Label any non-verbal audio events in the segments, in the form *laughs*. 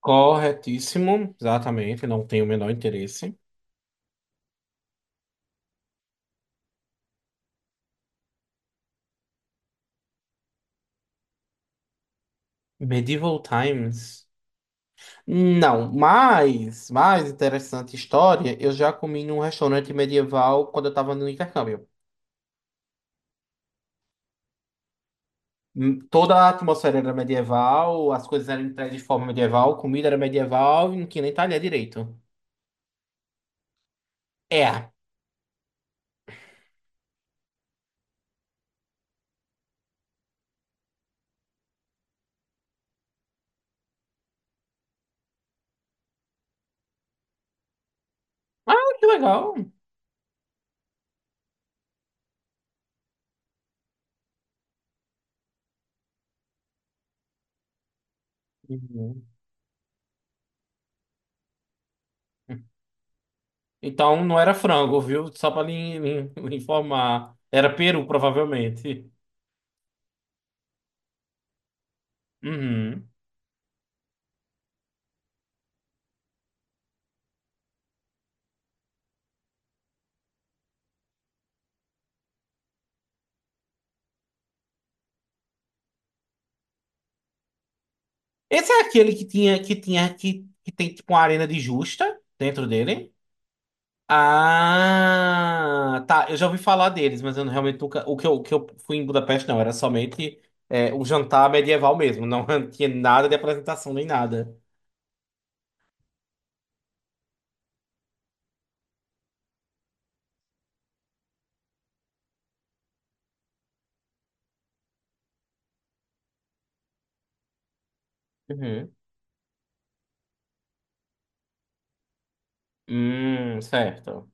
Corretíssimo, exatamente, não tenho o menor interesse. Medieval Times. Não, mas, mais interessante história, eu já comi num restaurante medieval quando eu estava no intercâmbio. Toda a atmosfera era medieval, as coisas eram entregues de forma medieval, comida era medieval e não tinha nem talher direito. É. Ah, que legal. Uhum. Então não era frango, viu? Só para lhe informar. Era peru, provavelmente. Uhum. Esse é aquele que tem tipo uma arena de justa dentro dele. Ah, tá. Eu já ouvi falar deles, mas eu realmente nunca. O que eu fui em Budapeste não, era somente o jantar medieval mesmo. Não *laughs* tinha nada de apresentação nem nada. Uhum. Certo.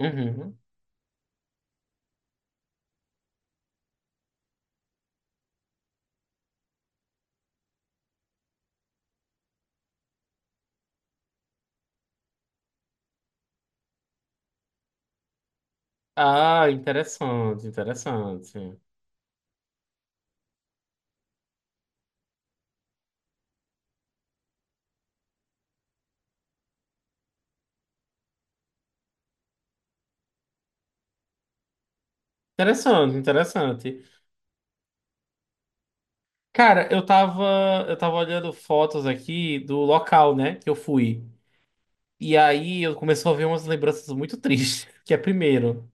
Uhum. Ah, interessante, interessante. Interessante, interessante. Cara, eu tava olhando fotos aqui do local, né, que eu fui. E aí eu comecei a ver umas lembranças muito tristes. *laughs* Que é primeiro.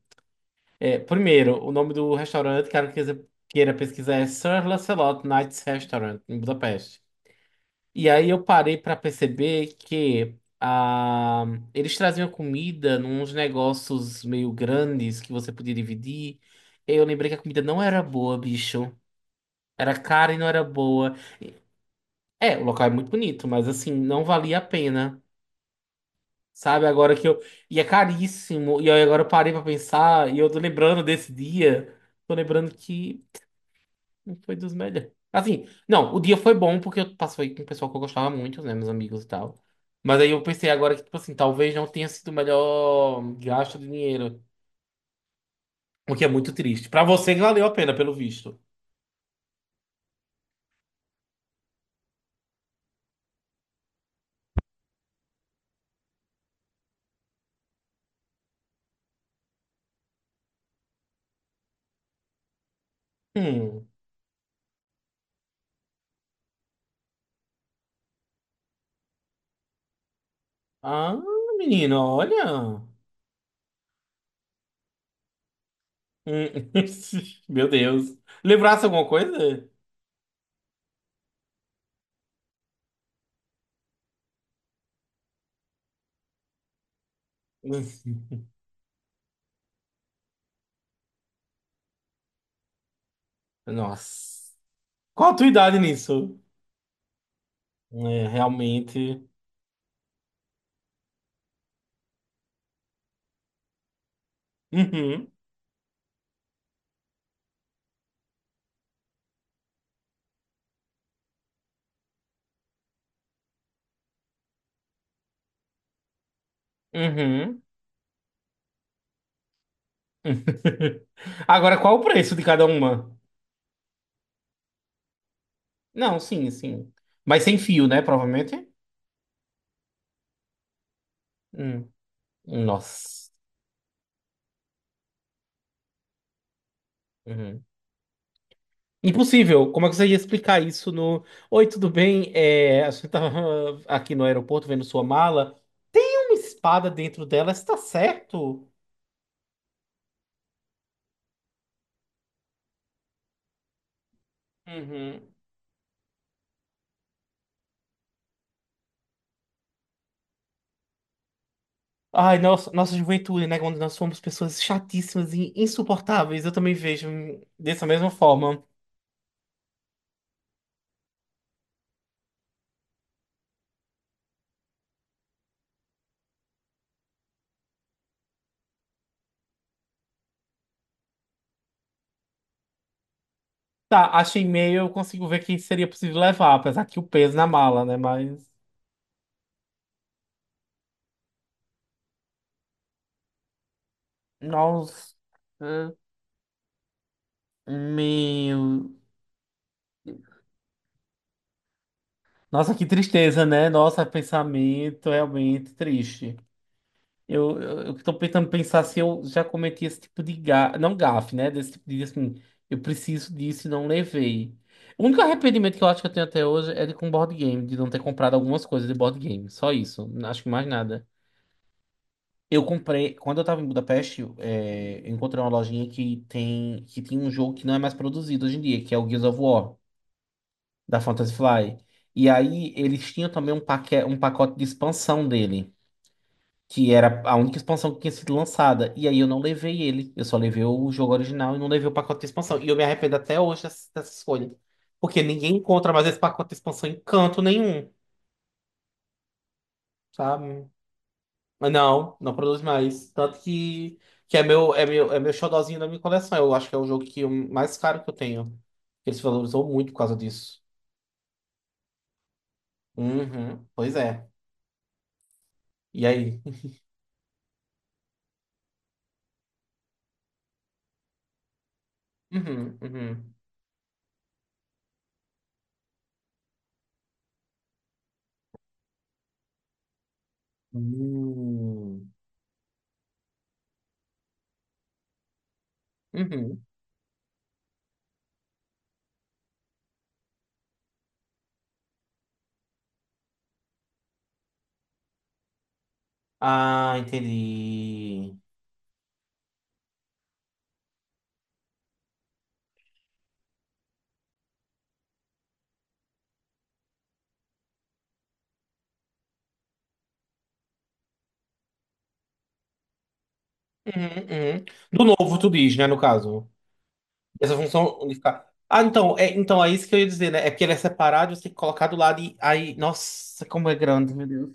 É, primeiro, o nome do restaurante, caso queira pesquisar, é Sir Lancelot Knights Restaurant, em Budapeste. E aí eu parei pra perceber que ah, eles traziam comida nos negócios meio grandes que você podia dividir. E eu lembrei que a comida não era boa, bicho. Era cara e não era boa. É, o local é muito bonito, mas assim, não valia a pena. Sabe, agora que eu. E é caríssimo. E aí agora eu parei pra pensar. E eu tô lembrando desse dia. Tô lembrando que não foi dos melhores. Assim, não, o dia foi bom porque eu passei com o pessoal que eu gostava muito, né? Meus amigos e tal. Mas aí eu pensei agora que, tipo assim, talvez não tenha sido o melhor gasto de dinheiro. O que é muito triste. Pra você que valeu a pena, pelo visto. Hum. Ah, menino, olha. Hum. *laughs* Meu Deus. Lembrasse alguma coisa? *laughs* Nossa. Qual a tua idade nisso? É, realmente. Uhum, uhum. *laughs* Agora, qual o preço de cada uma? Não, sim, sim. Mas sem fio, né? Provavelmente. Hum. Nossa. Uhum. Impossível. Como é que você ia explicar isso no. Oi, tudo bem? É, a gente tava *laughs* aqui no aeroporto vendo sua mala. Uma espada dentro dela, está certo? Uhum. Ai, nossa, nossa juventude, né? Quando nós fomos pessoas chatíssimas e insuportáveis, eu também vejo dessa mesma forma. Tá, achei e-mail, eu consigo ver que seria possível levar, apesar que o peso na mala, né? Mas, nossa, meu. Nossa, que tristeza, né? Nossa, pensamento realmente triste. Eu tô tentando pensar se eu já cometi esse tipo de gafe, não gafe, né? Desse tipo de assim, eu preciso disso e não levei. O único arrependimento que eu acho que eu tenho até hoje é de com board game, de não ter comprado algumas coisas de board game. Só isso, não acho que mais nada. Eu comprei, quando eu tava em Budapeste, eu encontrei uma lojinha que tem um jogo que não é mais produzido hoje em dia, que é o Gears of War, da Fantasy Fly. E aí eles tinham também um pacote de expansão dele. Que era a única expansão que tinha sido lançada. E aí eu não levei ele. Eu só levei o jogo original e não levei o pacote de expansão. E eu me arrependo até hoje dessa escolha. Porque ninguém encontra mais esse pacote de expansão em canto nenhum, sabe? Mas não, não produz mais. Tanto que é meu xodozinho da minha coleção. Eu acho que é o jogo mais caro que eu tenho. Ele se valorizou muito por causa disso. Uhum, pois é. E aí? Uhum, uhum. Hum, uhum. Ah, entendi. Uhum, uhum. Do novo, tu diz, né, no caso. Essa função unificar. Ah, então é isso que eu ia dizer, né? É porque ele é separado, você tem que colocar do lado e aí. Nossa, como é grande, meu Deus.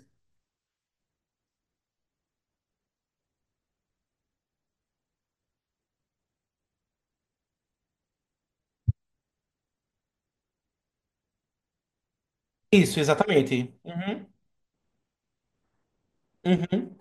Isso, exatamente. Uhum, uhum.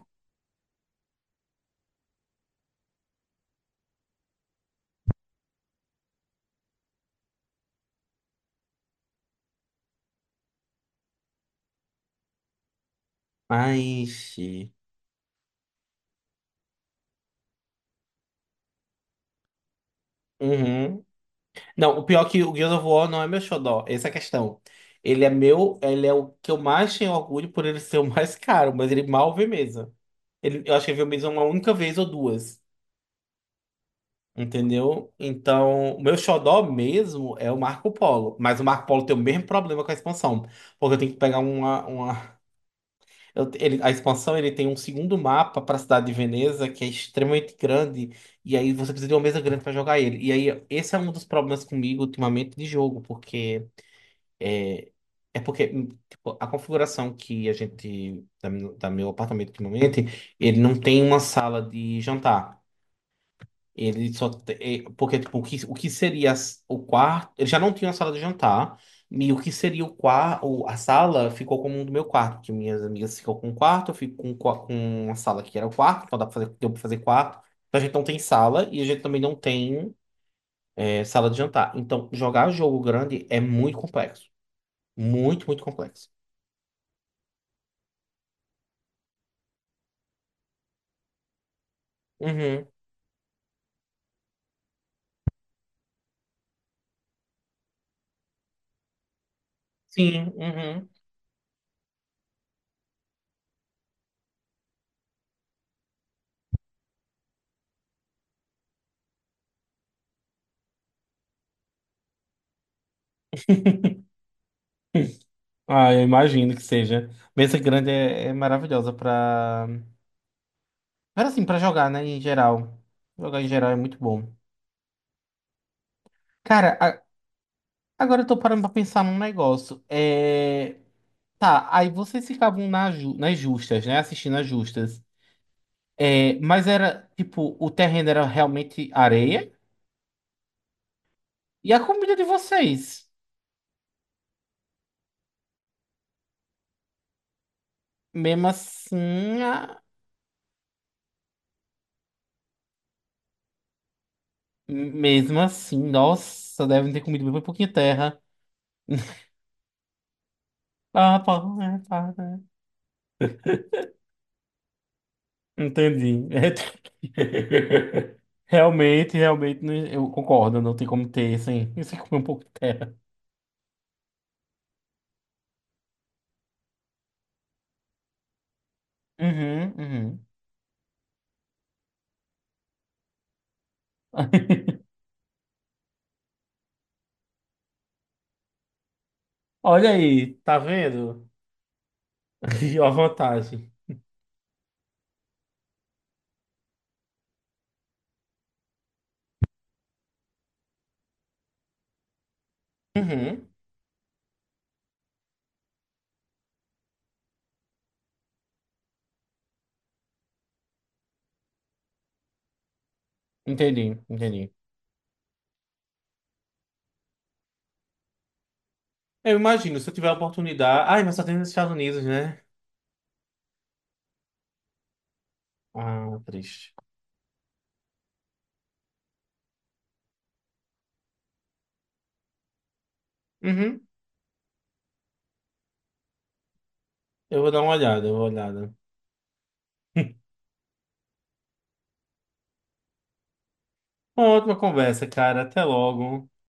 Ai, xi. Uhum. Não, o pior é que o Gears of War não é meu xodó, essa é a questão. Ele é meu, ele é o que eu mais tenho orgulho por ele ser o mais *laughs* caro, mas ele mal vê mesa. Ele, eu acho que ele viu mesa uma única vez ou duas. Entendeu? Então, o meu xodó mesmo é o Marco Polo. Mas o Marco Polo tem o mesmo problema com a expansão. Porque eu tenho que pegar uma. Uma... a expansão ele tem um segundo mapa para a cidade de Veneza, que é extremamente grande. E aí você precisa de uma mesa grande para jogar ele. E aí, esse é um dos problemas comigo ultimamente de jogo. Porque. É porque tipo, a configuração que a gente. Da, da meu apartamento ultimamente, ele não tem uma sala de jantar. Ele só. Porque, tipo, o que seria o quarto. Ele já não tinha a sala de jantar. E o que seria o quarto. A sala ficou como um do meu quarto. Porque minhas amigas ficam com o quarto, eu fico com, com a sala que era o quarto. Então dá pra fazer, deu pra fazer quarto. Então a gente não tem sala e a gente também não tem sala de jantar. Então jogar jogo grande é muito complexo. Muito, muito complexo. Uhum. Sim, uhum. Ah, eu imagino que seja. Mesa grande é, é maravilhosa para. Mas assim, pra jogar, né, em geral. Jogar em geral é muito bom. Cara, agora eu tô parando pra pensar num negócio. É... Tá, aí vocês ficavam na nas justas, né? Assistindo as justas. É, mas era, tipo, o terreno era realmente areia. E a comida de vocês? Mesmo assim, mesmo assim, nossa, devem ter comido bem pouquinho terra. *laughs* Ah, pá, é, pá, né. Entendi. *laughs* Realmente, realmente, eu concordo, não tem como ter sem, *laughs* sem comer um pouco de terra. Uhum, uhum. *laughs* Olha aí, tá vendo? *laughs* A vantagem. Uhum, entendi, entendi. Eu imagino, se eu tiver a oportunidade. Ai, mas só tem nos Estados Unidos, né? Ah, triste. Uhum, eu vou dar uma olhada, eu vou dar uma olhada. *laughs* Uma ótima conversa, cara. Até logo.